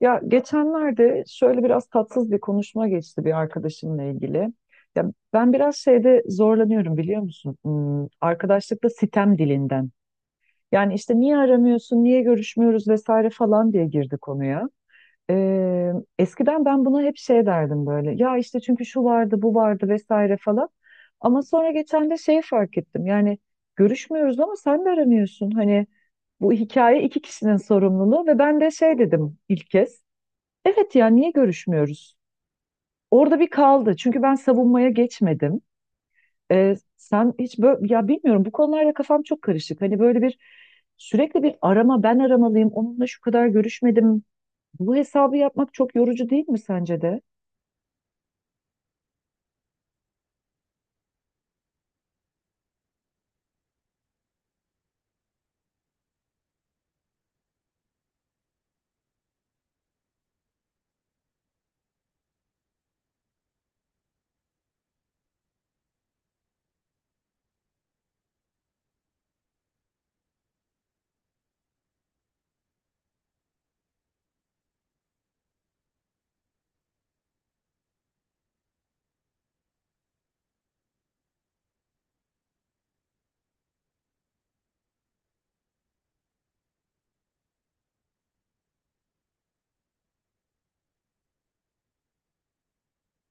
Ya geçenlerde şöyle biraz tatsız bir konuşma geçti bir arkadaşımla ilgili. Ya, ben biraz şeyde zorlanıyorum biliyor musun? Arkadaşlıkta sitem dilinden. Yani işte niye aramıyorsun, niye görüşmüyoruz vesaire falan diye girdi konuya. Ee, Eskiden ben buna hep şey derdim böyle. Ya işte çünkü şu vardı, bu vardı vesaire falan. Ama sonra geçen de şeyi fark ettim. Yani görüşmüyoruz ama sen de aramıyorsun. Hani bu hikaye iki kişinin sorumluluğu ve ben de şey dedim ilk kez. Evet ya, niye görüşmüyoruz? Orada bir kaldı. Çünkü ben savunmaya geçmedim. Sen hiç böyle ya bilmiyorum bu konularda kafam çok karışık. Hani böyle bir sürekli bir arama ben aramalıyım. Onunla şu kadar görüşmedim. Bu hesabı yapmak çok yorucu değil mi sence de?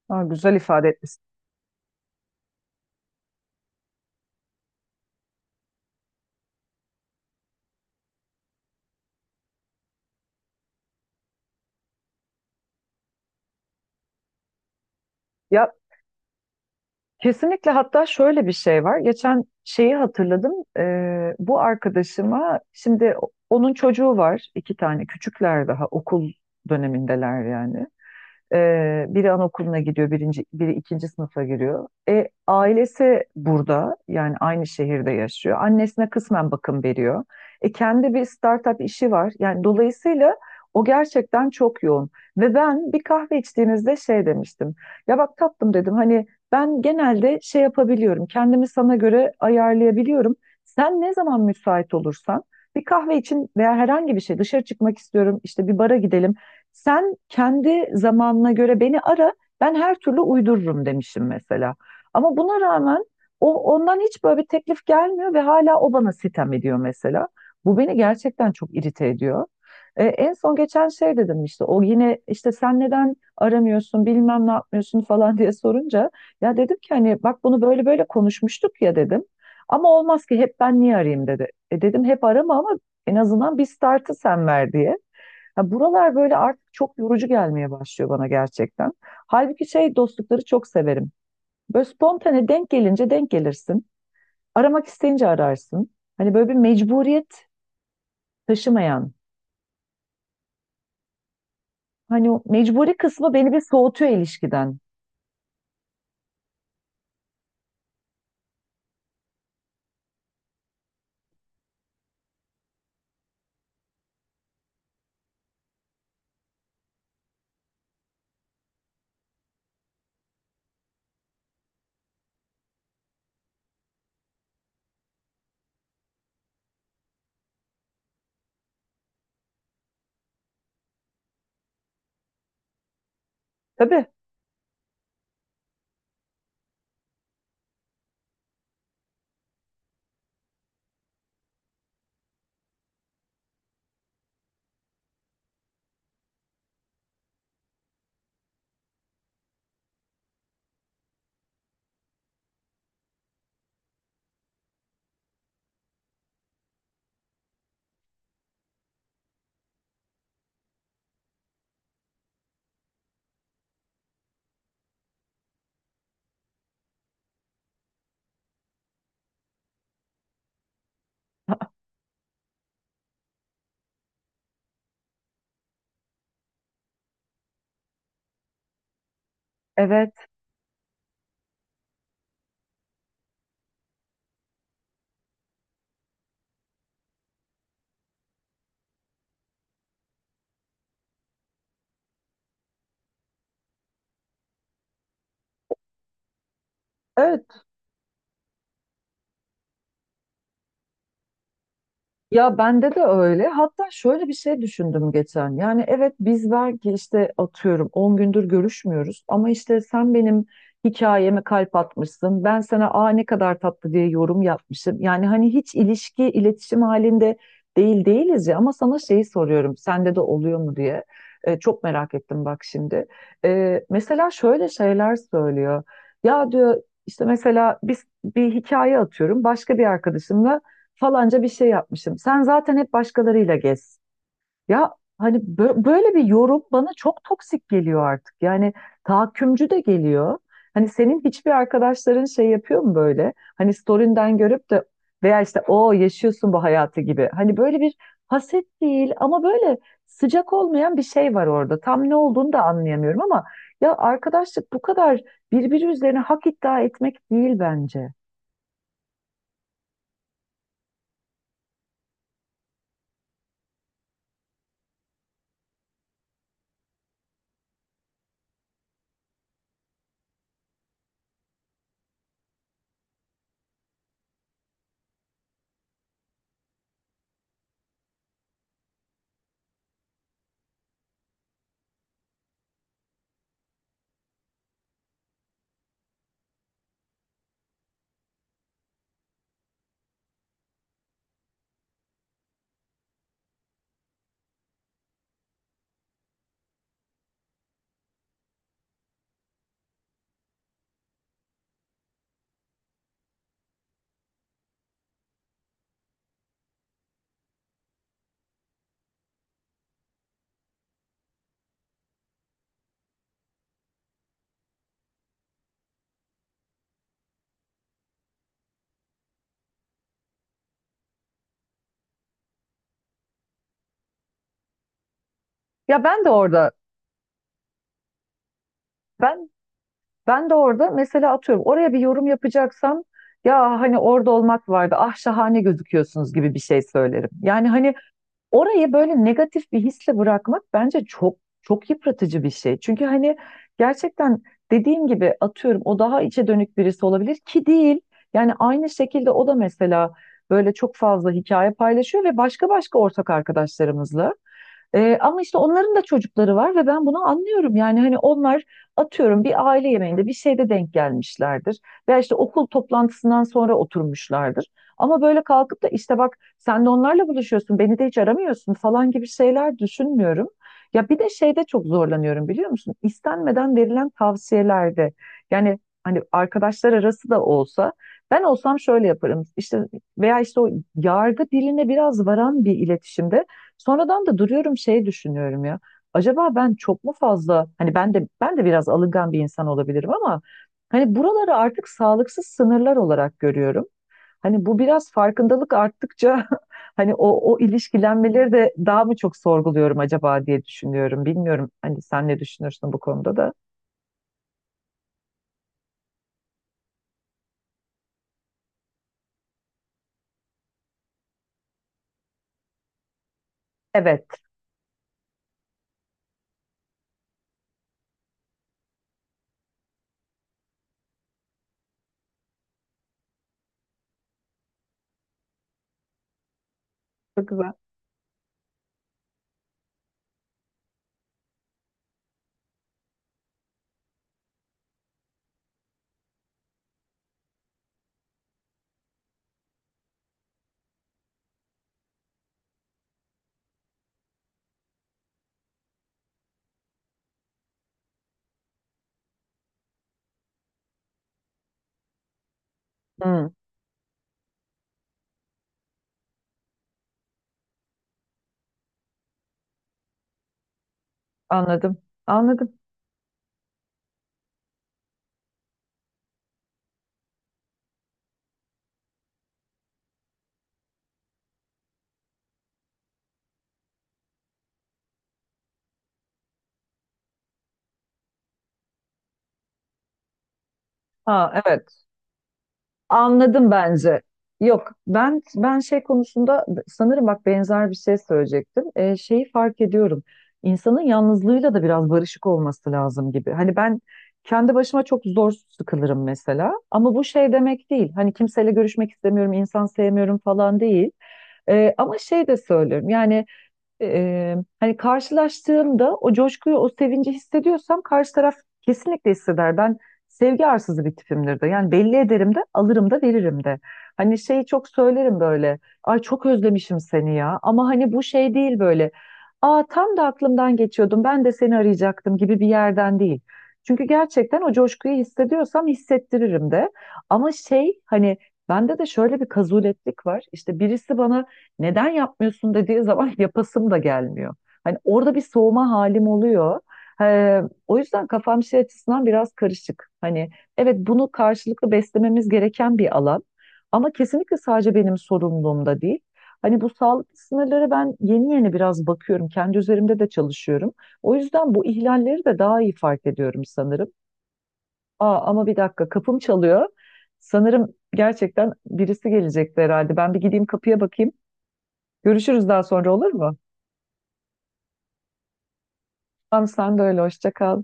Ha, güzel ifade etmişsin. Ya kesinlikle, hatta şöyle bir şey var. Geçen şeyi hatırladım. Bu arkadaşıma şimdi onun çocuğu var, iki tane küçükler daha okul dönemindeler yani. Biri anaokuluna gidiyor, birinci, biri ikinci sınıfa giriyor. Ailesi burada, yani aynı şehirde yaşıyor. Annesine kısmen bakım veriyor. Kendi bir startup işi var. Yani dolayısıyla o gerçekten çok yoğun. Ve ben bir kahve içtiğimizde şey demiştim. Ya bak tatlım dedim, hani ben genelde şey yapabiliyorum. Kendimi sana göre ayarlayabiliyorum. Sen ne zaman müsait olursan bir kahve için veya herhangi bir şey, dışarı çıkmak istiyorum işte, bir bara gidelim, sen kendi zamanına göre beni ara, ben her türlü uydururum demişim mesela. Ama buna rağmen o, ondan hiç böyle bir teklif gelmiyor ve hala o bana sitem ediyor mesela. Bu beni gerçekten çok irite ediyor. En son geçen şey dedim işte, o yine işte sen neden aramıyorsun bilmem ne yapmıyorsun falan diye sorunca ya dedim ki hani bak bunu böyle böyle konuşmuştuk ya dedim. Ama olmaz ki hep ben niye arayayım dedi. E dedim hep arama ama en azından bir startı sen ver diye. Ya buralar böyle artık çok yorucu gelmeye başlıyor bana gerçekten. Halbuki şey dostlukları çok severim. Böyle spontane denk gelince denk gelirsin. Aramak isteyince ararsın. Hani böyle bir mecburiyet taşımayan. Hani o mecburi kısmı beni bir soğutuyor ilişkiden. Tabii. Evet. Öyle. Ya bende de öyle. Hatta şöyle bir şey düşündüm geçen. Yani evet, biz belki işte atıyorum 10 gündür görüşmüyoruz ama işte sen benim hikayeme kalp atmışsın. Ben sana "aa ne kadar tatlı" diye yorum yapmışım. Yani hani hiç ilişki, iletişim halinde değil değiliz ya ama sana şeyi soruyorum. Sende de oluyor mu diye. Çok merak ettim bak şimdi. Mesela şöyle şeyler söylüyor. Ya diyor işte, mesela biz bir hikaye, atıyorum başka bir arkadaşımla falanca bir şey yapmışım. Sen zaten hep başkalarıyla gez. Ya hani böyle bir yorum bana çok toksik geliyor artık. Yani tahakkümcü de geliyor. Hani senin hiçbir arkadaşların şey yapıyor mu böyle? Hani story'nden görüp de, veya işte o yaşıyorsun bu hayatı gibi. Hani böyle bir haset değil ama böyle sıcak olmayan bir şey var orada. Tam ne olduğunu da anlayamıyorum ama ya arkadaşlık bu kadar birbiri üzerine hak iddia etmek değil bence. Ya ben de orada ben Ben de orada mesela, atıyorum, oraya bir yorum yapacaksam ya hani orada olmak vardı, ah şahane gözüküyorsunuz gibi bir şey söylerim. Yani hani orayı böyle negatif bir hisle bırakmak bence çok çok yıpratıcı bir şey. Çünkü hani gerçekten, dediğim gibi, atıyorum o daha içe dönük birisi olabilir ki değil. Yani aynı şekilde o da mesela böyle çok fazla hikaye paylaşıyor ve başka başka ortak arkadaşlarımızla. Ama işte onların da çocukları var ve ben bunu anlıyorum. Yani hani onlar atıyorum bir aile yemeğinde bir şeyde denk gelmişlerdir. Veya işte okul toplantısından sonra oturmuşlardır. Ama böyle kalkıp da işte, bak sen de onlarla buluşuyorsun, beni de hiç aramıyorsun falan gibi şeyler düşünmüyorum. Ya bir de şeyde çok zorlanıyorum biliyor musun? İstenmeden verilen tavsiyelerde. Yani hani arkadaşlar arası da olsa ben olsam şöyle yaparım. İşte, veya işte o yargı diline biraz varan bir iletişimde. Sonradan da duruyorum, şey düşünüyorum ya. Acaba ben çok mu fazla, hani ben de biraz alıngan bir insan olabilirim ama hani buraları artık sağlıksız sınırlar olarak görüyorum. Hani bu biraz farkındalık arttıkça hani o ilişkilenmeleri de daha mı çok sorguluyorum acaba diye düşünüyorum. Bilmiyorum hani sen ne düşünürsün bu konuda da. Evet. Çok güzel. Hı, anladım. Anladım. Ha evet. Anladım bence. Yok, ben şey konusunda sanırım, bak benzer bir şey söyleyecektim. Şeyi fark ediyorum. İnsanın yalnızlığıyla da biraz barışık olması lazım gibi. Hani ben kendi başıma çok zor sıkılırım mesela. Ama bu şey demek değil. Hani kimseyle görüşmek istemiyorum, insan sevmiyorum falan değil. Ama şey de söylüyorum. Yani hani karşılaştığımda o coşkuyu, o sevinci hissediyorsam karşı taraf kesinlikle hisseder. Ben sevgi arsızı bir tipimdir de. Yani belli ederim de, alırım da, veririm de. Hani şeyi çok söylerim böyle. Ay çok özlemişim seni ya. Ama hani bu şey değil böyle. Aa, tam da aklımdan geçiyordum. Ben de seni arayacaktım gibi bir yerden değil. Çünkü gerçekten o coşkuyu hissediyorsam hissettiririm de. Ama şey hani bende de şöyle bir kazuletlik var. İşte birisi bana neden yapmıyorsun dediği zaman yapasım da gelmiyor. Hani orada bir soğuma halim oluyor. Ee, O yüzden kafam şey açısından biraz karışık. Hani evet, bunu karşılıklı beslememiz gereken bir alan ama kesinlikle sadece benim sorumluluğumda değil. Hani bu sağlıklı sınırlara ben yeni yeni biraz bakıyorum. Kendi üzerimde de çalışıyorum. O yüzden bu ihlalleri de daha iyi fark ediyorum sanırım. Aa, ama bir dakika, kapım çalıyor. Sanırım gerçekten birisi gelecekti herhalde. Ben bir gideyim, kapıya bakayım. Görüşürüz daha sonra, olur mu? Tamam, sen de öyle. Hoşça kal.